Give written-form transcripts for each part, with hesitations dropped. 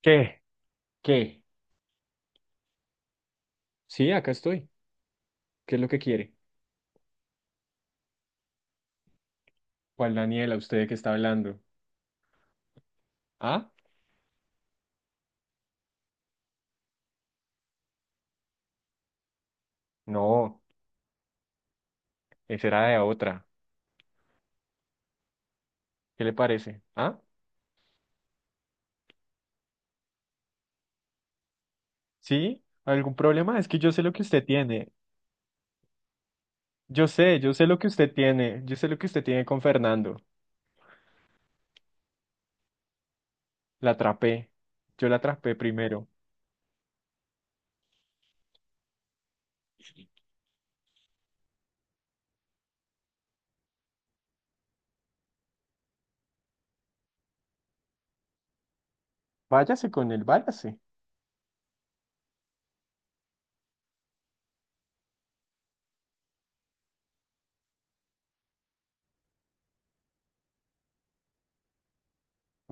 ¿Qué? ¿Qué? Sí, acá estoy. ¿Qué es lo que quiere? ¿Cuál Daniela, usted que está hablando? ¿Ah? No, esa era de otra. ¿Qué le parece? ¿Ah? ¿Sí? ¿Algún problema? Es que yo sé lo que usted tiene. Yo sé lo que usted tiene. Yo sé lo que usted tiene con Fernando. La atrapé. Yo la atrapé primero. Váyase con él, váyase.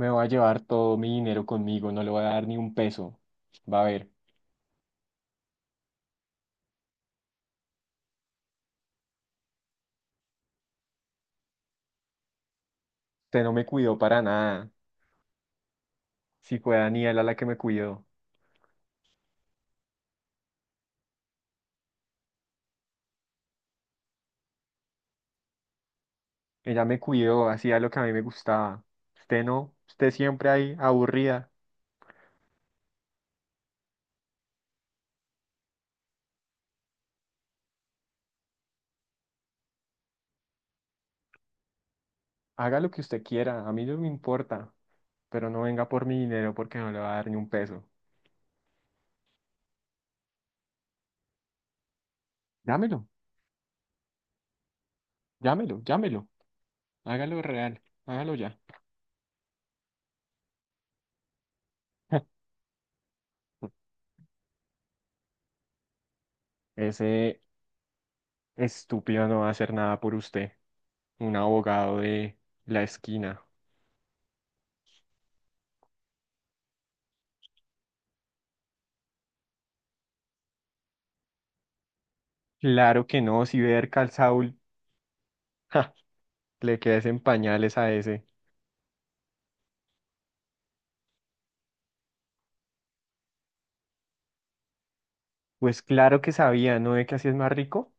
Me va a llevar todo mi dinero conmigo, no le voy a dar ni un peso. Va a ver, usted no me cuidó para nada. Si fue Daniela la que me cuidó. Ella me cuidó, hacía lo que a mí me gustaba. Usted no, usted siempre ahí aburrida. Haga lo que usted quiera, a mí no me importa, pero no venga por mi dinero porque no le va a dar ni un peso. Llámelo, llámelo, llámelo. Hágalo real, hágalo ya. Ese estúpido no va a hacer nada por usted. Un abogado de la esquina. Claro que no, si ver Calzaul, le quedes en pañales a ese. Pues claro que sabía, ¿no ve que así es más rico?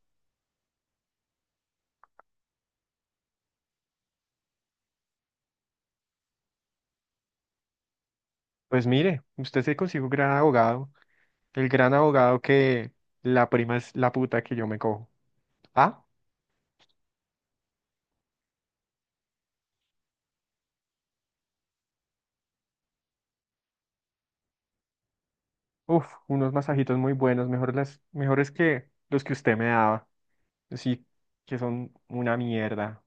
Pues mire, usted se consigue un gran abogado, el gran abogado que la prima es la puta que yo me cojo. Ah, uf, unos masajitos muy buenos, mejor las, mejores que los que usted me daba. Sí, que son una mierda.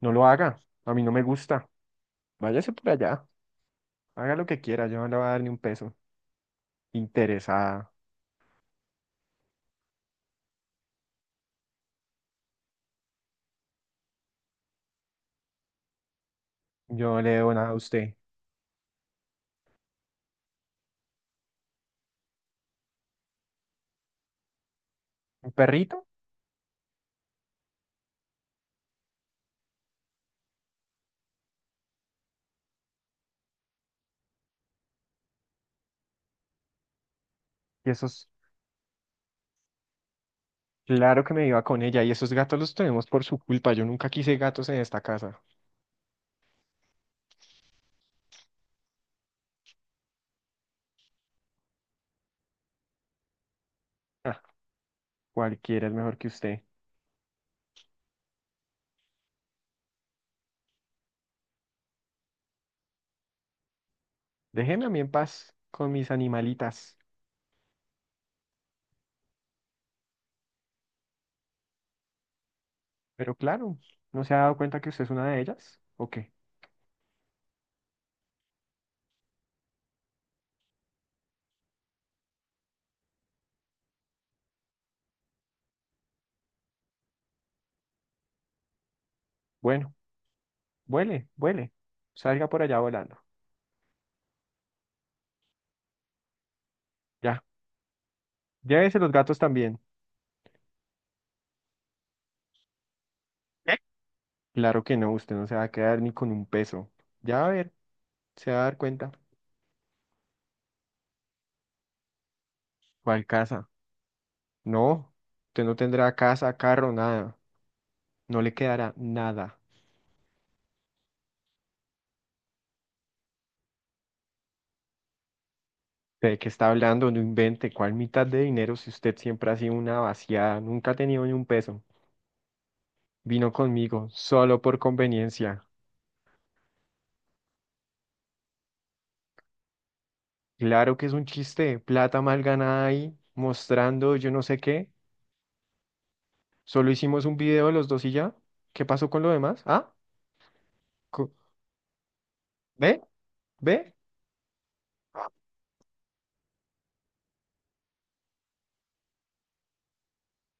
No lo haga, a mí no me gusta. Váyase por allá, haga lo que quiera, yo no le voy a dar ni un peso. Interesada, yo no le debo nada a usted. ¿Un perrito? Y esos, claro que me iba con ella, y esos gatos los tenemos por su culpa, yo nunca quise gatos en esta casa. Ah, cualquiera es mejor que usted. Déjeme a mí en paz con mis animalitas. Pero claro, ¿no se ha dado cuenta que usted es una de ellas? ¿O qué? Bueno, vuele, vuele. Salga por allá volando. Ya. Llévese los gatos también. ¿Eh? Claro que no, usted no se va a quedar ni con un peso. Ya va a ver, se va a dar cuenta. ¿Cuál casa? No, usted no tendrá casa, carro, nada. No le quedará nada. ¿De qué está hablando? No invente. ¿Cuál mitad de dinero si usted siempre ha sido una vaciada? Nunca ha tenido ni un peso. Vino conmigo, solo por conveniencia. Claro que es un chiste, plata mal ganada ahí, mostrando yo no sé qué. Solo hicimos un video los dos y ya. ¿Qué pasó con lo demás? ¿Ah? co- ¿Ve? ¿Ve?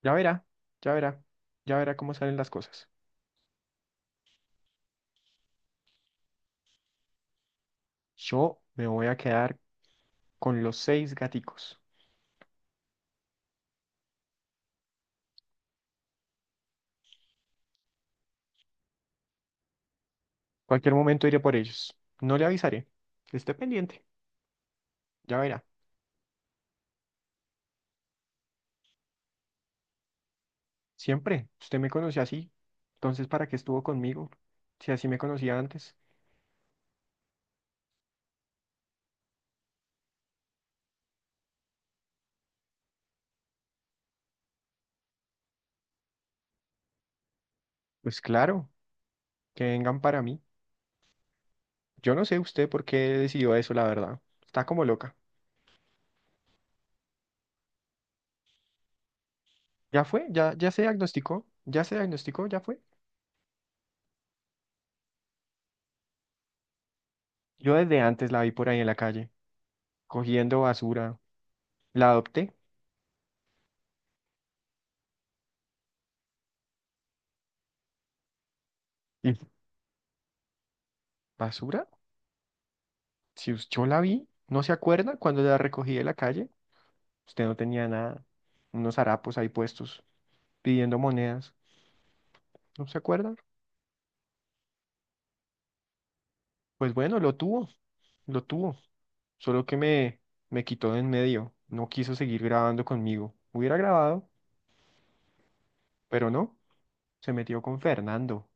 Ya verá, ya verá, ya verá cómo salen las cosas. Yo me voy a quedar con los 6 gaticos. Cualquier momento iré por ellos. No le avisaré. Esté pendiente, ya verá. Siempre, usted me conoció así. Entonces, ¿para qué estuvo conmigo? Si así me conocía antes, pues claro, que vengan para mí. Yo no sé usted por qué decidió eso, la verdad. Está como loca. ¿Ya fue? ¿Ya se diagnosticó? ¿Ya se diagnosticó? ¿Ya fue? Yo desde antes la vi por ahí en la calle, cogiendo basura. La adopté. ¿Y basura? Si us- Yo la vi, ¿no se acuerda cuando la recogí de la calle? Usted no tenía nada. Unos harapos ahí puestos, pidiendo monedas. ¿No se acuerda? Pues bueno, lo tuvo, lo tuvo. Solo que me, me quitó de en medio. No quiso seguir grabando conmigo. Hubiera grabado, pero no. Se metió con Fernando.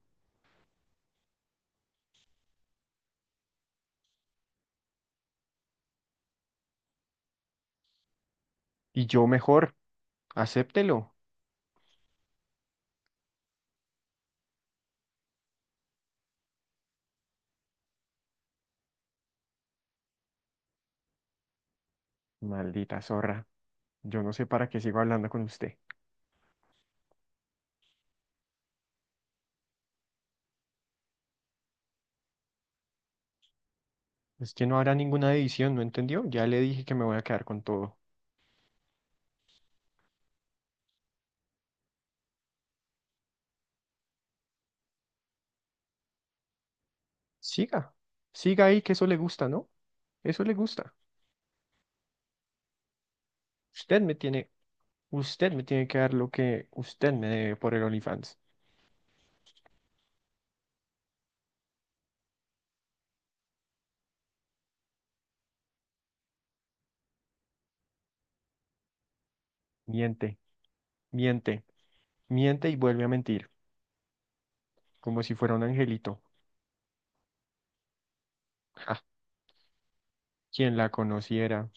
Y yo mejor, acéptelo. Maldita zorra. Yo no sé para qué sigo hablando con usted. Es que no habrá ninguna división, ¿no entendió? Ya le dije que me voy a quedar con todo. Siga, siga ahí, que eso le gusta, ¿no? Eso le gusta. Usted me tiene, usted me tiene que dar lo que usted me debe por el OnlyFans. Miente, miente, miente y vuelve a mentir, como si fuera un angelito. Ja, quien la conociera.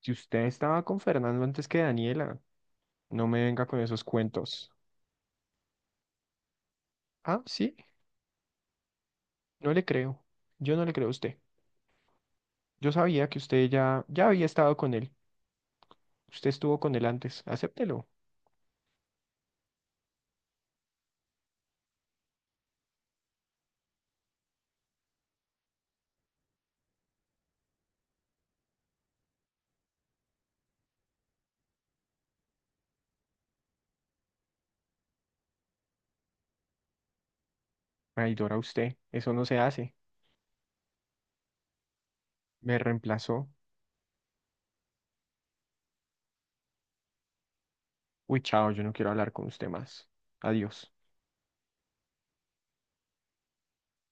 Si usted estaba con Fernando antes que Daniela, no me venga con esos cuentos. Ah, sí, no le creo. Yo no le creo a usted. Yo sabía que usted ya había estado con él. Usted estuvo con él antes. Acéptelo. Traidora usted. Eso no se hace. Me reemplazó. Uy, chao, yo no quiero hablar con usted más. Adiós.